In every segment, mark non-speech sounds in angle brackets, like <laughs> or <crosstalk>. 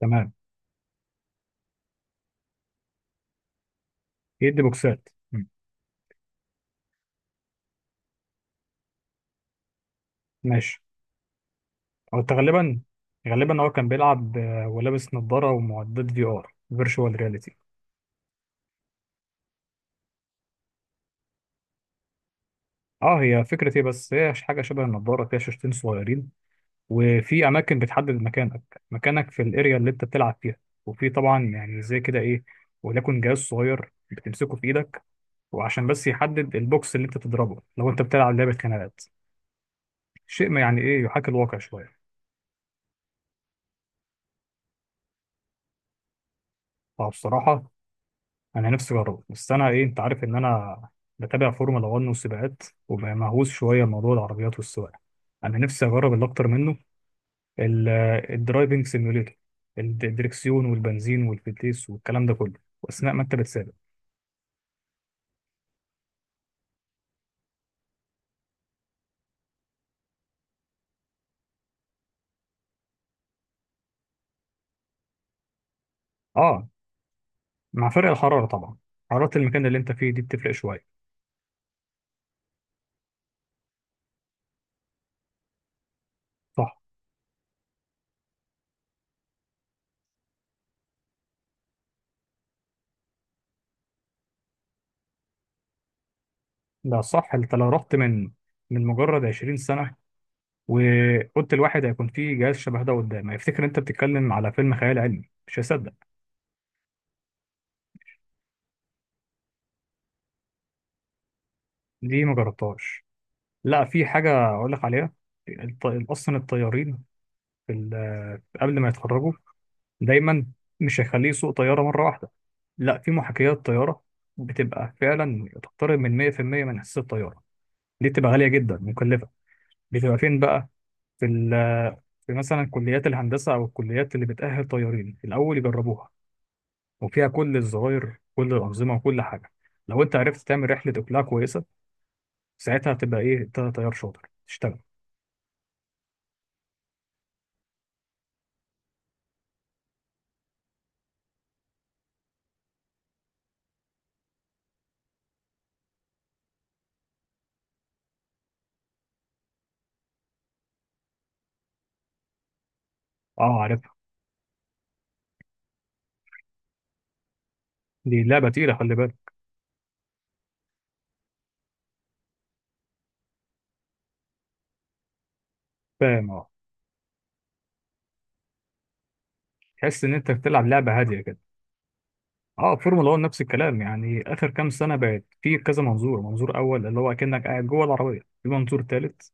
تمام. يدي بوكسات مم. ماشي. هو أنت غالبا، هو كان بيلعب ولابس نظارة ومعدات في ار فيرتشوال رياليتي. اه، هي فكرة ايه، بس هي حاجة شبه النظارة فيها شاشتين صغيرين، وفي أماكن بتحدد مكانك في الأريا اللي أنت بتلعب فيها. وفي طبعا يعني زي كده إيه، وليكن جهاز صغير بتمسكه في إيدك، وعشان بس يحدد البوكس اللي أنت تضربه لو أنت بتلعب لعبة خناقات. شيء ما يعني إيه يحاكي الواقع شوية. فبصراحة انا نفسي اجربه، بس انا ايه، انت عارف ان انا بتابع فورمولا 1 والسباقات، ومهووس شويه بموضوع العربيات والسواقه. انا نفسي اجرب اللي اكتر منه ال- الدرايفنج سيميوليتور، الدركسيون والبنزين والفتيس والكلام ده كله، واثناء ما انت بتسابق. اه، مع فرق الحراره طبعا، حراره المكان اللي انت فيه دي بتفرق شويه. صح. لا صح، انت لو رحت من مجرد 20 سنه وقلت الواحد هيكون فيه جهاز شبه ده قدام، هيفتكر انت بتتكلم على فيلم خيال علمي، مش هيصدق. دي ما جربتهاش. لا، في حاجة أقول لك عليها. أصلا الطيارين في قبل ما يتخرجوا، دايما مش هيخليه يسوق طيارة مرة واحدة، لا، في محاكيات طيارة بتبقى فعلا تقترب من 100% من حصة الطيارة. دي بتبقى غالية جدا مكلفة. بتبقى فين بقى؟ في, ال- في مثلا كليات الهندسة أو الكليات اللي بتأهل طيارين الأول يجربوها، وفيها كل الزراير، كل الأنظمة وكل حاجة. لو أنت عرفت تعمل رحلة إقلاع كويسة، ساعتها هتبقى إيه، أنت طيار شاطر تشتغل. أه عارفها. دي لعبة تقيلة، خلي بالك. فاهم، اه. تحس ان انت بتلعب لعبه هاديه كده. اه، فورمولا 1 نفس الكلام، يعني اخر كام سنه بقت في كذا منظور، منظور اول اللي هو اكنك قاعد جوه العربيه، في منظور ثالث،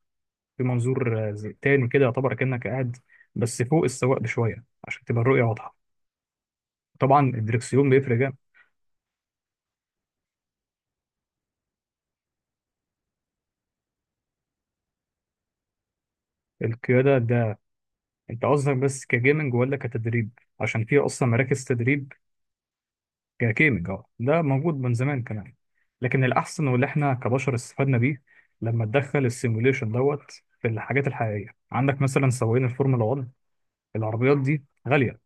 في منظور تاني كده يعتبر اكنك قاعد بس فوق السواق بشويه عشان تبقى الرؤيه واضحه. طبعا الدركسيون بيفرق جامد. القياده ده انت قصدك بس كجيمنج ولا كتدريب؟ عشان في اصلا مراكز تدريب. كجيمنج اه، ده موجود من زمان كمان. لكن الأحسن واللي احنا كبشر استفدنا بيه لما تدخل السيموليشن دوت، في الحاجات الحقيقية عندك مثلا سواقين الفورمولا 1، العربيات دي غالية،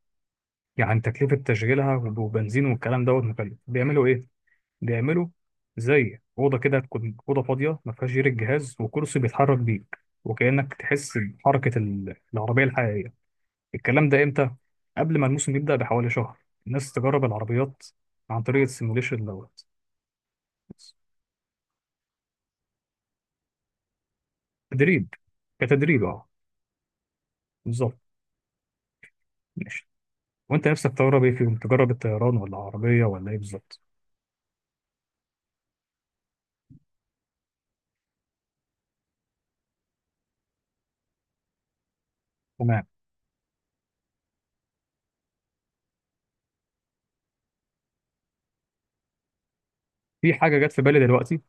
يعني تكلفة تشغيلها وبنزين والكلام دوت مكلف. بيعملوا ايه؟ بيعملوا زي أوضة كده، تكون أوضة فاضية ما فيهاش غير الجهاز وكرسي بيتحرك بيك، وكأنك تحس بحركة العربية الحقيقية. الكلام ده امتى؟ قبل ما الموسم يبدأ بحوالي شهر، الناس تجرب العربيات عن طريق السيموليشن دوت. تدريب، كتدريب اه، بالظبط. ماشي، وانت نفسك تجرب ايه فيهم؟ تجرب الطيران ولا عربيه ولا ايه بالظبط؟ تمام. في حاجه جت في بالي دلوقتي،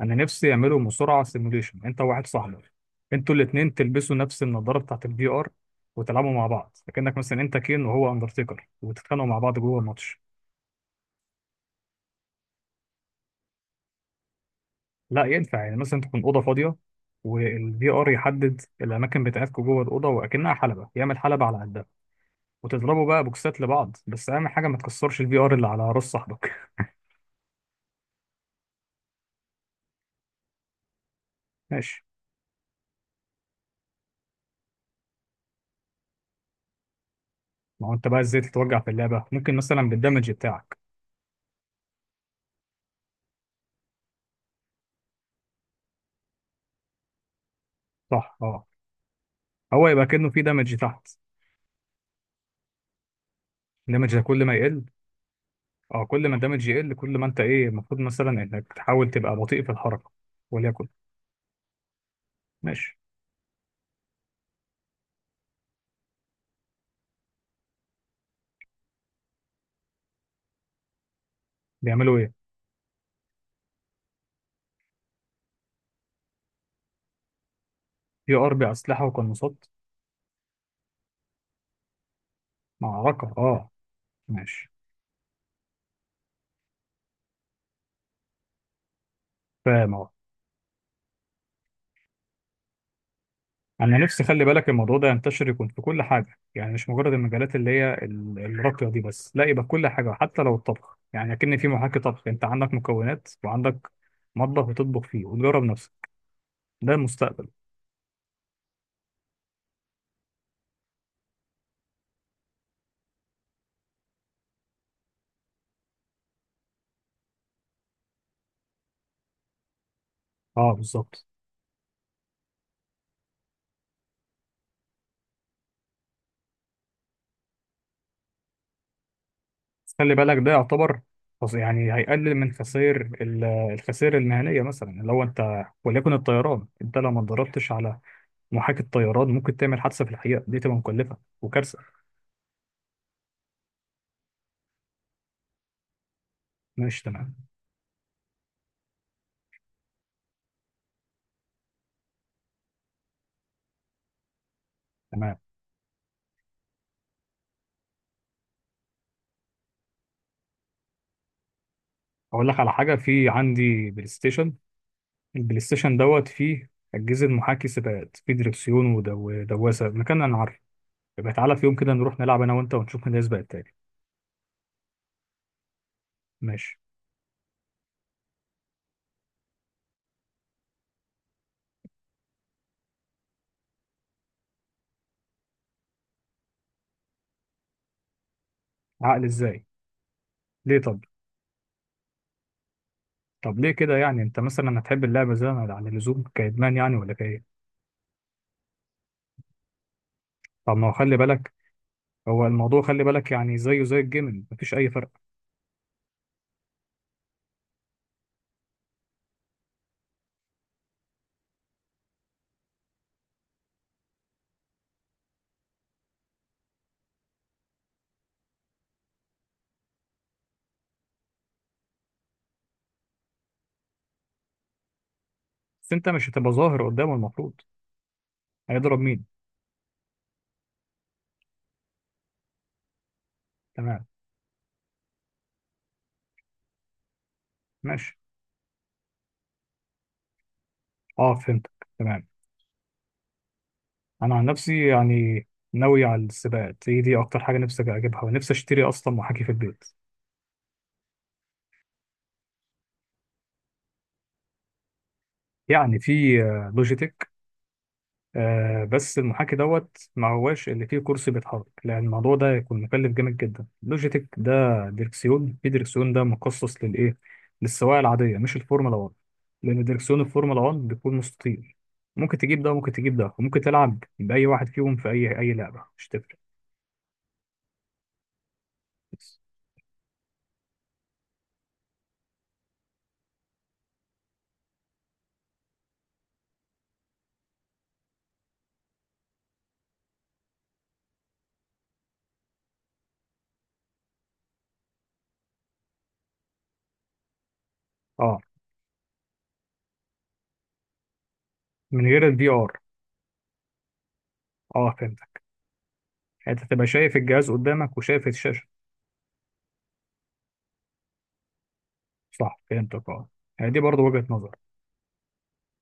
انا نفسي يعملوا مصارعه سيموليشن، انت وواحد صاحبك، انتوا الاثنين تلبسوا نفس النضاره بتاعت الفي ار، وتلعبوا مع بعض، فكانك مثلا انت كين وهو اندرتيكر وتتخانقوا مع بعض جوه الماتش. لا ينفع، يعني مثلا تكون اوضه فاضيه، والفي ار يحدد الاماكن بتاعتكم جوه الاوضه، واكنها حلبه يعمل حلبه على قدها، وتضربوا بقى بوكسات لبعض، بس اهم حاجه ما تكسرش الفي ار اللي على راس صاحبك. <laughs> ماشي. ما هو انت بقى ازاي تتوجع في اللعبه؟ ممكن مثلا بالدمج بتاعك. صح اه، هو يبقى كأنه في دمج تحت. الدمج ده كل ما يقل، اه كل ما الدمج يقل كل ما انت ايه، المفروض مثلا انك تحاول تبقى بطيء في الحركه، وليكن. ماشي. بيعملوا ايه؟ في ار باسلحه وقناصات. معركه اه، ماشي. فاهم. انا نفسي خلي بالك الموضوع ده ينتشر، يكون في كل حاجه، يعني مش مجرد المجالات اللي هي الراقيه دي بس، لا يبقى كل حاجه حتى لو الطبخ، يعني اكن في محاكي طبخ انت عندك مكونات، وعندك مطبخ بتطبخ فيه وتجرب نفسك. ده المستقبل. اه بالظبط. بس خلي بالك ده يعتبر، يعني هيقلل من خسائر الخسائر المهنيه، مثلا لو انت وليكن الطيران، انت لو ما اتدربتش على محاكي الطيران ممكن تعمل حادثه في الحقيقه، دي تبقى مكلفه وكارثه. ماشي تمام. تمام، اقول لك على حاجه، في عندي بلاي ستيشن، البلاي ستيشن دوت فيه أجهزة محاكي سباقات، فيه دريكسيون ودواسة، مكان أنا عارفه. يبقى تعالى في يوم كده نروح نلعب أنا وأنت، ونشوف مين هيسبق التاني. ماشي. عقل إزاي؟ ليه طب؟ طب ليه كده يعني؟ أنت مثلا هتحب اللعبة زي ما- عن اللزوم كإدمان يعني ولا كإيه؟ طب ما هو خلي بالك، هو الموضوع خلي بالك يعني زيه زي الجيمنج، مفيش أي فرق. بس أنت مش هتبقى ظاهر قدامه المفروض. هيضرب مين؟ تمام. ماشي، أه فهمتك تمام. أنا عن نفسي يعني ناوي على السباقات، هي دي أكتر حاجة نفسي أجيبها، ونفسي أشتري أصلا محاكي في البيت. يعني في لوجيتك، بس المحاكي دوت ما هواش اللي فيه كرسي بيتحرك، لان الموضوع ده يكون مكلف جامد جدا. لوجيتك ده دركسيون، في دركسيون ده مخصص للايه؟ للسواقه العاديه مش الفورمولا 1، لان دركسيون الفورمولا 1 بيكون مستطيل. ممكن تجيب ده وممكن تجيب ده، وممكن تلعب باي واحد فيهم في اي لعبه، مش تفرق. بس. اه، من غير الفي ار. اه فهمتك. يعني انت تبقى شايف الجهاز قدامك وشايف الشاشه. صح، فهمتك اه. يعني دي برضه وجهه نظر،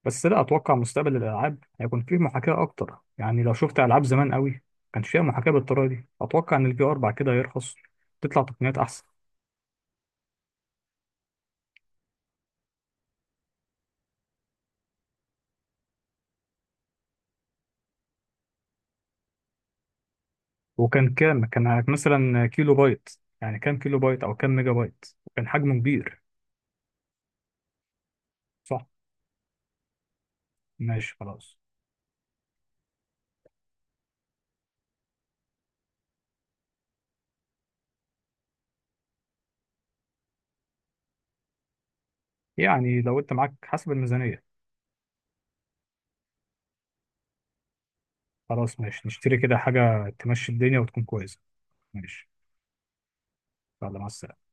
بس لا، اتوقع مستقبل الالعاب هيكون فيه محاكاه اكتر، يعني لو شفت العاب زمان قوي ما كانش فيها محاكاه بالطريقه دي. اتوقع ان الفي ار بعد كده هيرخص، تطلع تقنيات احسن. وكان كام؟ كان مثلا كيلو بايت، يعني كام كيلو بايت او كام ميجا بايت، وكان حجمه كبير. صح. ماشي خلاص، يعني لو انت معاك حسب الميزانيه. خلاص ماشي، نشتري كده حاجه تمشي الدنيا وتكون كويسه. ماشي، يلا مع السلامه.